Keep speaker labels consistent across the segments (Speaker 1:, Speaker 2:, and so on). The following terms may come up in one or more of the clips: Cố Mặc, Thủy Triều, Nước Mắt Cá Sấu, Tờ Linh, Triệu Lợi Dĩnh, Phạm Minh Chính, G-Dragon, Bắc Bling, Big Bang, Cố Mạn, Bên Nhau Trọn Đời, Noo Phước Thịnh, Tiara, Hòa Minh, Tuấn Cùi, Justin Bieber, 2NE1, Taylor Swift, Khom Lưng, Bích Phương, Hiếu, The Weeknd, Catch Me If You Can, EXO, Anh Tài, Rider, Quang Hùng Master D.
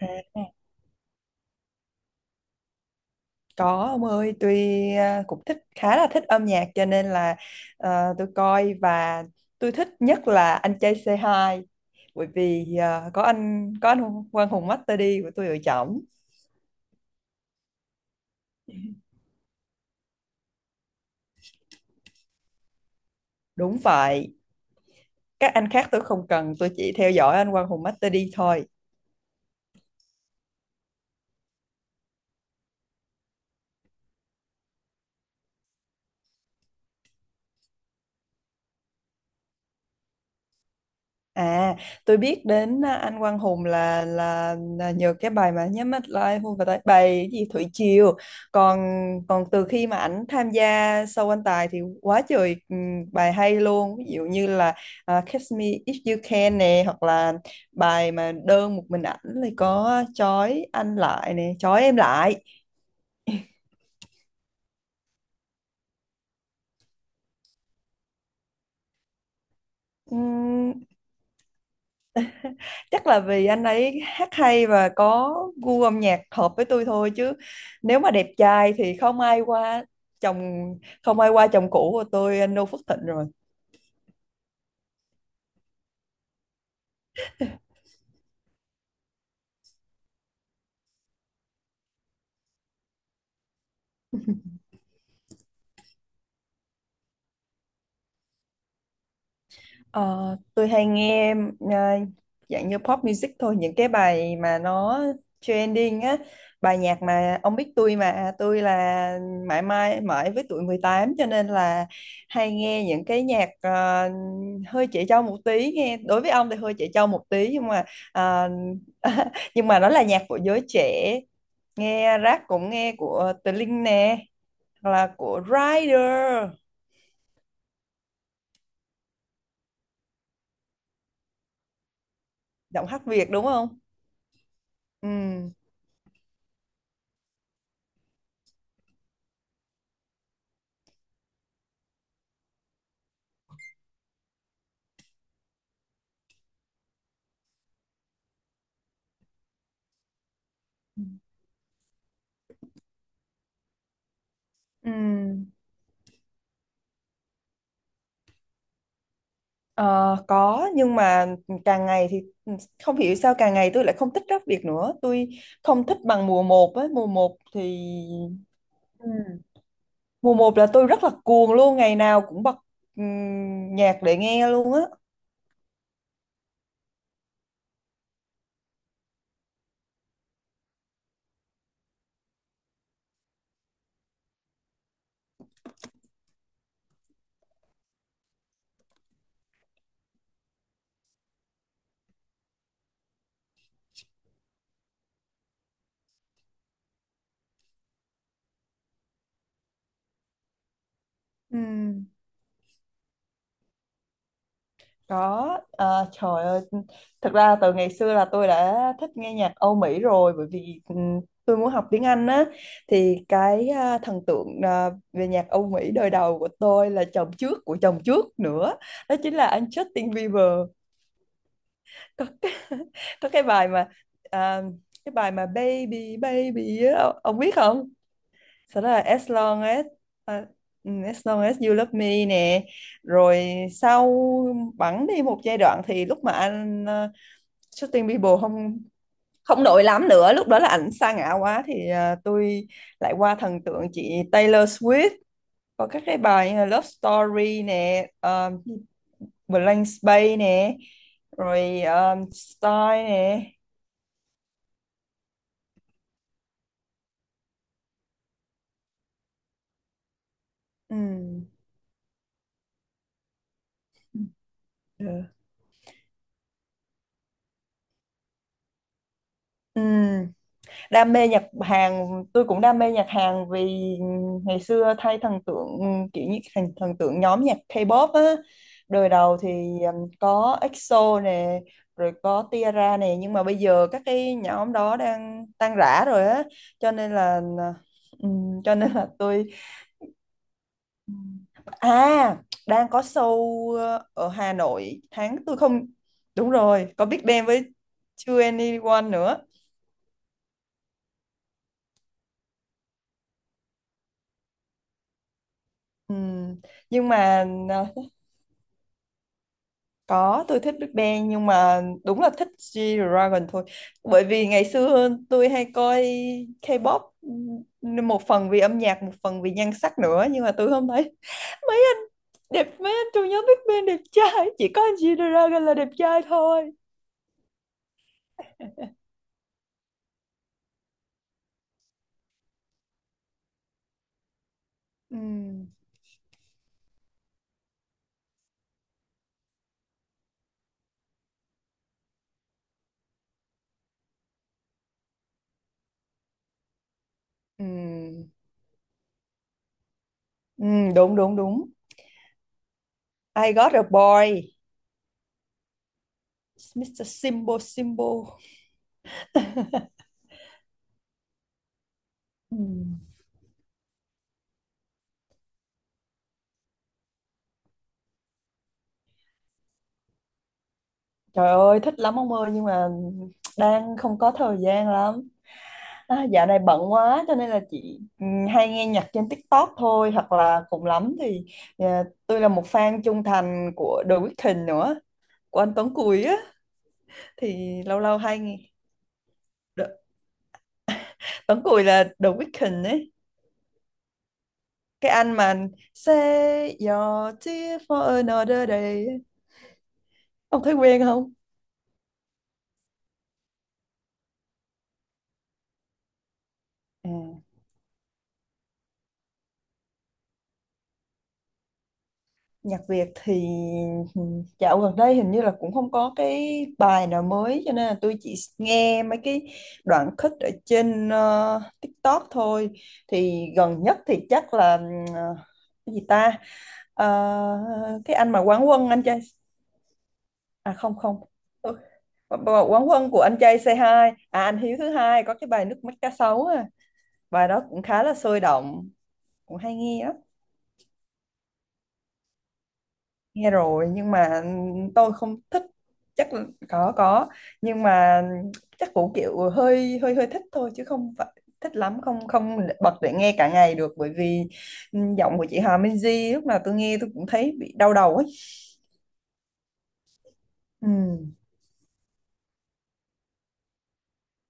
Speaker 1: À, có ông ơi, tôi cũng thích, khá là thích âm nhạc cho nên là tôi coi. Và tôi thích nhất là anh trai c hai, bởi vì có anh Quang Hùng Master D của tôi ở trỏng. Đúng vậy, các anh khác tôi không cần, tôi chỉ theo dõi anh Quang Hùng Master D thôi. À, tôi biết đến anh Quang Hùng là nhờ cái bài mà nhắm mắt lại hôn vào tay, bài cái gì Thủy Triều. Còn còn từ khi mà ảnh tham gia show anh Tài thì quá trời bài hay luôn. Ví dụ như là Catch Me If You Can nè, hoặc là bài mà đơn một mình ảnh thì có trói anh lại nè, trói em lại. Chắc là vì anh ấy hát hay và có gu âm nhạc hợp với tôi thôi, chứ nếu mà đẹp trai thì chồng không ai qua chồng cũ của tôi, anh no Phước Thịnh rồi. Ờ, tôi hay nghe ờ, dạng như pop music thôi, những cái bài mà nó trending á, bài nhạc mà ông biết, tôi mà, tôi là mãi mãi mãi với tuổi 18 cho nên là hay nghe những cái nhạc hơi trẻ trâu một tí, nghe đối với ông thì hơi trẻ trâu một tí, nhưng mà ờ, nhưng mà nó là nhạc của giới trẻ. Nghe rap cũng nghe của Tờ Linh nè, hoặc là của Rider. Giọng hát Việt đúng không? Ừ. Ừ. Ờ, có, nhưng mà càng ngày thì không hiểu sao càng ngày tôi lại không thích rap Việt nữa, tôi không thích bằng mùa một ấy, mùa một thì... Ừ. Mùa một là tôi rất là cuồng luôn, ngày nào cũng bật nhạc để nghe luôn á. Ừ. Có, ờ, trời ơi, thật ra từ ngày xưa là tôi đã thích nghe nhạc Âu Mỹ rồi, bởi vì tôi muốn học tiếng Anh á. Thì cái thần tượng về nhạc Âu Mỹ đời đầu của tôi là chồng trước của chồng trước nữa, đó chính là anh Justin Bieber. Có cái, có cái bài mà à, cái bài mà Baby Baby á, ông biết không? Sau đó là à, As Long As You Love Me nè. Rồi sau, bẵng đi một giai đoạn thì lúc mà anh Justin Bieber không không nổi lắm nữa, lúc đó là ảnh sa ngã quá thì tôi lại qua thần tượng chị Taylor Swift, có các cái bài như là Love Story nè, Blank Space nè, rồi Style nè. Ừ. Ừ. Ừ. Đam mê nhạc Hàn, tôi cũng đam mê nhạc Hàn, vì ngày xưa thay thần tượng kiểu như thần tượng nhóm nhạc K-pop á, đời đầu thì có EXO nè, rồi có Tiara nè, nhưng mà bây giờ các cái nhóm đó đang tan rã rồi á, cho nên là tôi... à Đang có show ở Hà Nội tháng tôi không... Đúng rồi, có Big Bang với 2NE1 nữa. Ừm, nhưng mà có, tôi thích Big Bang, nhưng mà đúng là thích G-Dragon thôi, bởi vì ngày xưa tôi hay coi K-pop. Một phần vì âm nhạc, một phần vì nhan sắc nữa, nhưng mà tôi không thấy mấy anh mấy anh trong nhóm Big Bang đẹp trai, chỉ có anh G-Dragon là đẹp trai thôi. Ừm, ừm, đúng đúng đúng. I got a boy. Mr. Simbo Simbo Ừm. Trời ơi, thích lắm ông ơi, nhưng mà đang không có thời gian lắm. À, dạo này bận quá cho nên là chị hay nghe nhạc trên TikTok thôi, hoặc là cùng lắm thì tôi là một fan trung thành của The Weeknd nữa, của anh Tuấn Cùi á, thì lâu lâu hay nghe. Đ- Tuấn Cùi là The Weeknd ấy. Cái anh mà Say your tears for another day. Ông thấy quen không? À. Nhạc Việt thì ừ, dạo gần đây hình như là cũng không có cái bài nào mới, cho nên là tôi chỉ nghe mấy cái đoạn khích ở trên TikTok thôi. Thì gần nhất thì chắc là ờ, cái gì ta? Ờ, cái anh mà Quán Quân anh trai, à không không. Ừ, Quán Quân của anh trai c hai, à anh Hiếu thứ hai, có cái bài Nước Mắt Cá Sấu à. Bài đó cũng khá là sôi động, cũng hay nghe. Nghe rồi nhưng mà tôi không thích, chắc là có, nhưng mà chắc cũng kiểu hơi hơi hơi thích thôi, chứ không phải thích lắm, không không bật để nghe cả ngày được, bởi vì giọng của chị Hà Minzy lúc nào tôi nghe tôi cũng thấy bị đau đầu ấy. Ừ,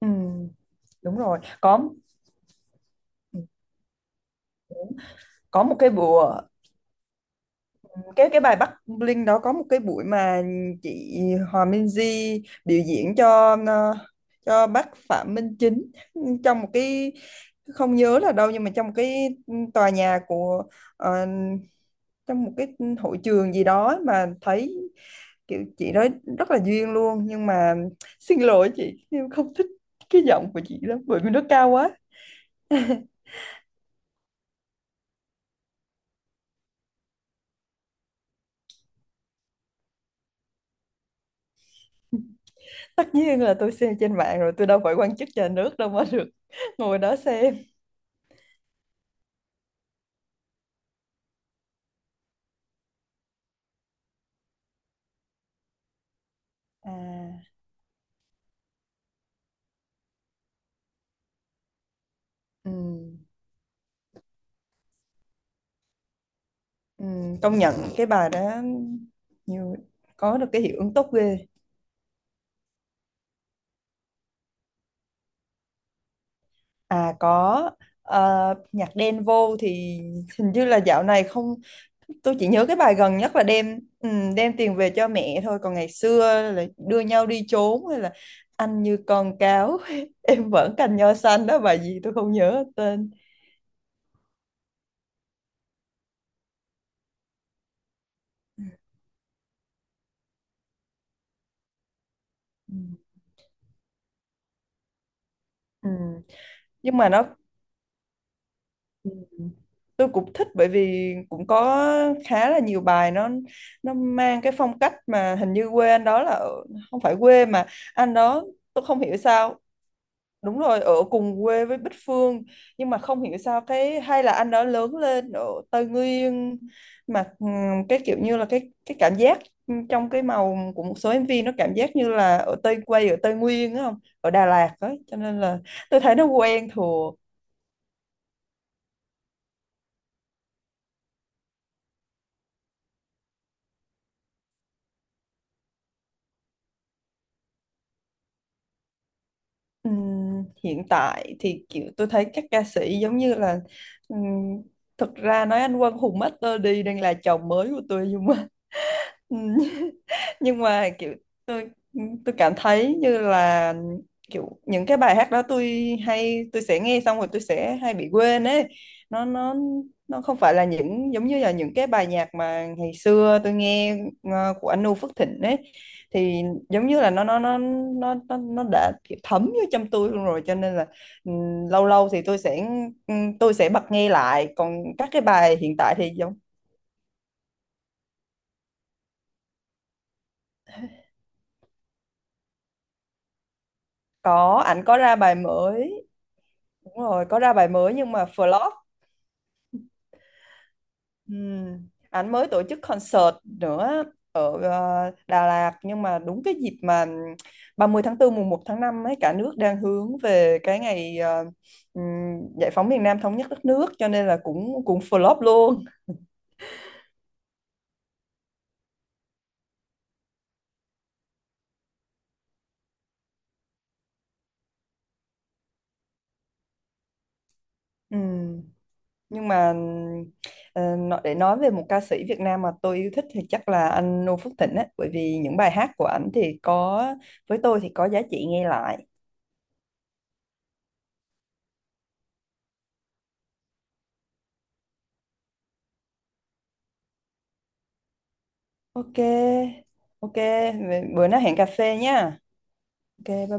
Speaker 1: ừ, đúng rồi, có một cái bữa, cái bài Bắc Bling đó có một cái buổi mà chị Hòa minh di biểu diễn cho bác Phạm Minh Chính trong một cái... Không nhớ là đâu, nhưng mà trong một cái tòa nhà của ờ, trong một cái hội trường gì đó, mà thấy kiểu chị đó rất là duyên luôn, nhưng mà xin lỗi chị, em không thích cái giọng của chị lắm bởi vì nó cao quá. Tất nhiên là tôi xem trên mạng rồi, tôi đâu phải quan chức nhà nước đâu mà được ngồi đó xem. à Ừ, ừ, công nhận cái bài đó nhiều, có được cái hiệu ứng tốt ghê. Có, ờ, nhạc đen vô thì hình như là dạo này không, tôi chỉ nhớ cái bài gần nhất là đem tiền về cho mẹ thôi, còn ngày xưa là đưa nhau đi trốn, hay là anh như con cáo em vẫn cành nho xanh đó, bài gì tôi không nhớ tên. Ừ. Ừ. Nhưng mà nó... Ừ. Tôi cũng thích, bởi vì cũng có khá là nhiều bài nó mang cái phong cách mà hình như quê anh đó là ở, không phải quê mà anh đó... Tôi không hiểu sao, đúng rồi, ở cùng quê với Bích Phương. Nhưng mà không hiểu sao, cái hay là anh đó lớn lên ở Tây Nguyên, mà cái kiểu như là cái cảm giác trong cái màu của một số MV, nó cảm giác như là ở Tây quê, ở Tây Nguyên á, không, ở Đà Lạt á, cho nên là tôi thấy nó quen thừa. Hiện tại thì kiểu tôi thấy các ca sĩ giống như là ừm, thực ra nói anh Quang Hùng Master D đang là chồng mới của tôi, nhưng mà ừm, nhưng mà kiểu tôi tôi cảm thấy như là, kiểu những cái bài hát đó, tôi sẽ nghe xong rồi tôi sẽ hay bị quên ấy. Nó nó không phải là những giống như là những cái bài nhạc mà ngày xưa tôi nghe, của anh Noo Phước Thịnh ấy, thì giống như là nó đã kiểu thấm vô trong tôi luôn rồi, cho nên là lâu lâu thì tôi sẽ bật nghe lại, còn các cái bài hiện tại thì giống... Có, ảnh có ra bài mới. Đúng rồi, có ra bài mới nhưng mà flop. Anh mới tổ chức concert nữa ở Đà Lạt, nhưng mà đúng cái dịp mà 30 tháng 4 mùng 1 tháng 5 ấy, cả nước đang hướng về cái ngày ừm, giải phóng miền Nam, thống nhất đất nước, cho nên là cũng cũng flop luôn. Ừm, Nhưng mà để nói về một ca sĩ Việt Nam mà tôi yêu thích thì chắc là anh Noo Phước Thịnh ấy, bởi vì những bài hát của ảnh thì với tôi thì có giá trị nghe lại. Ok, ok, bữa nào hẹn cà phê nhá. Ok, bye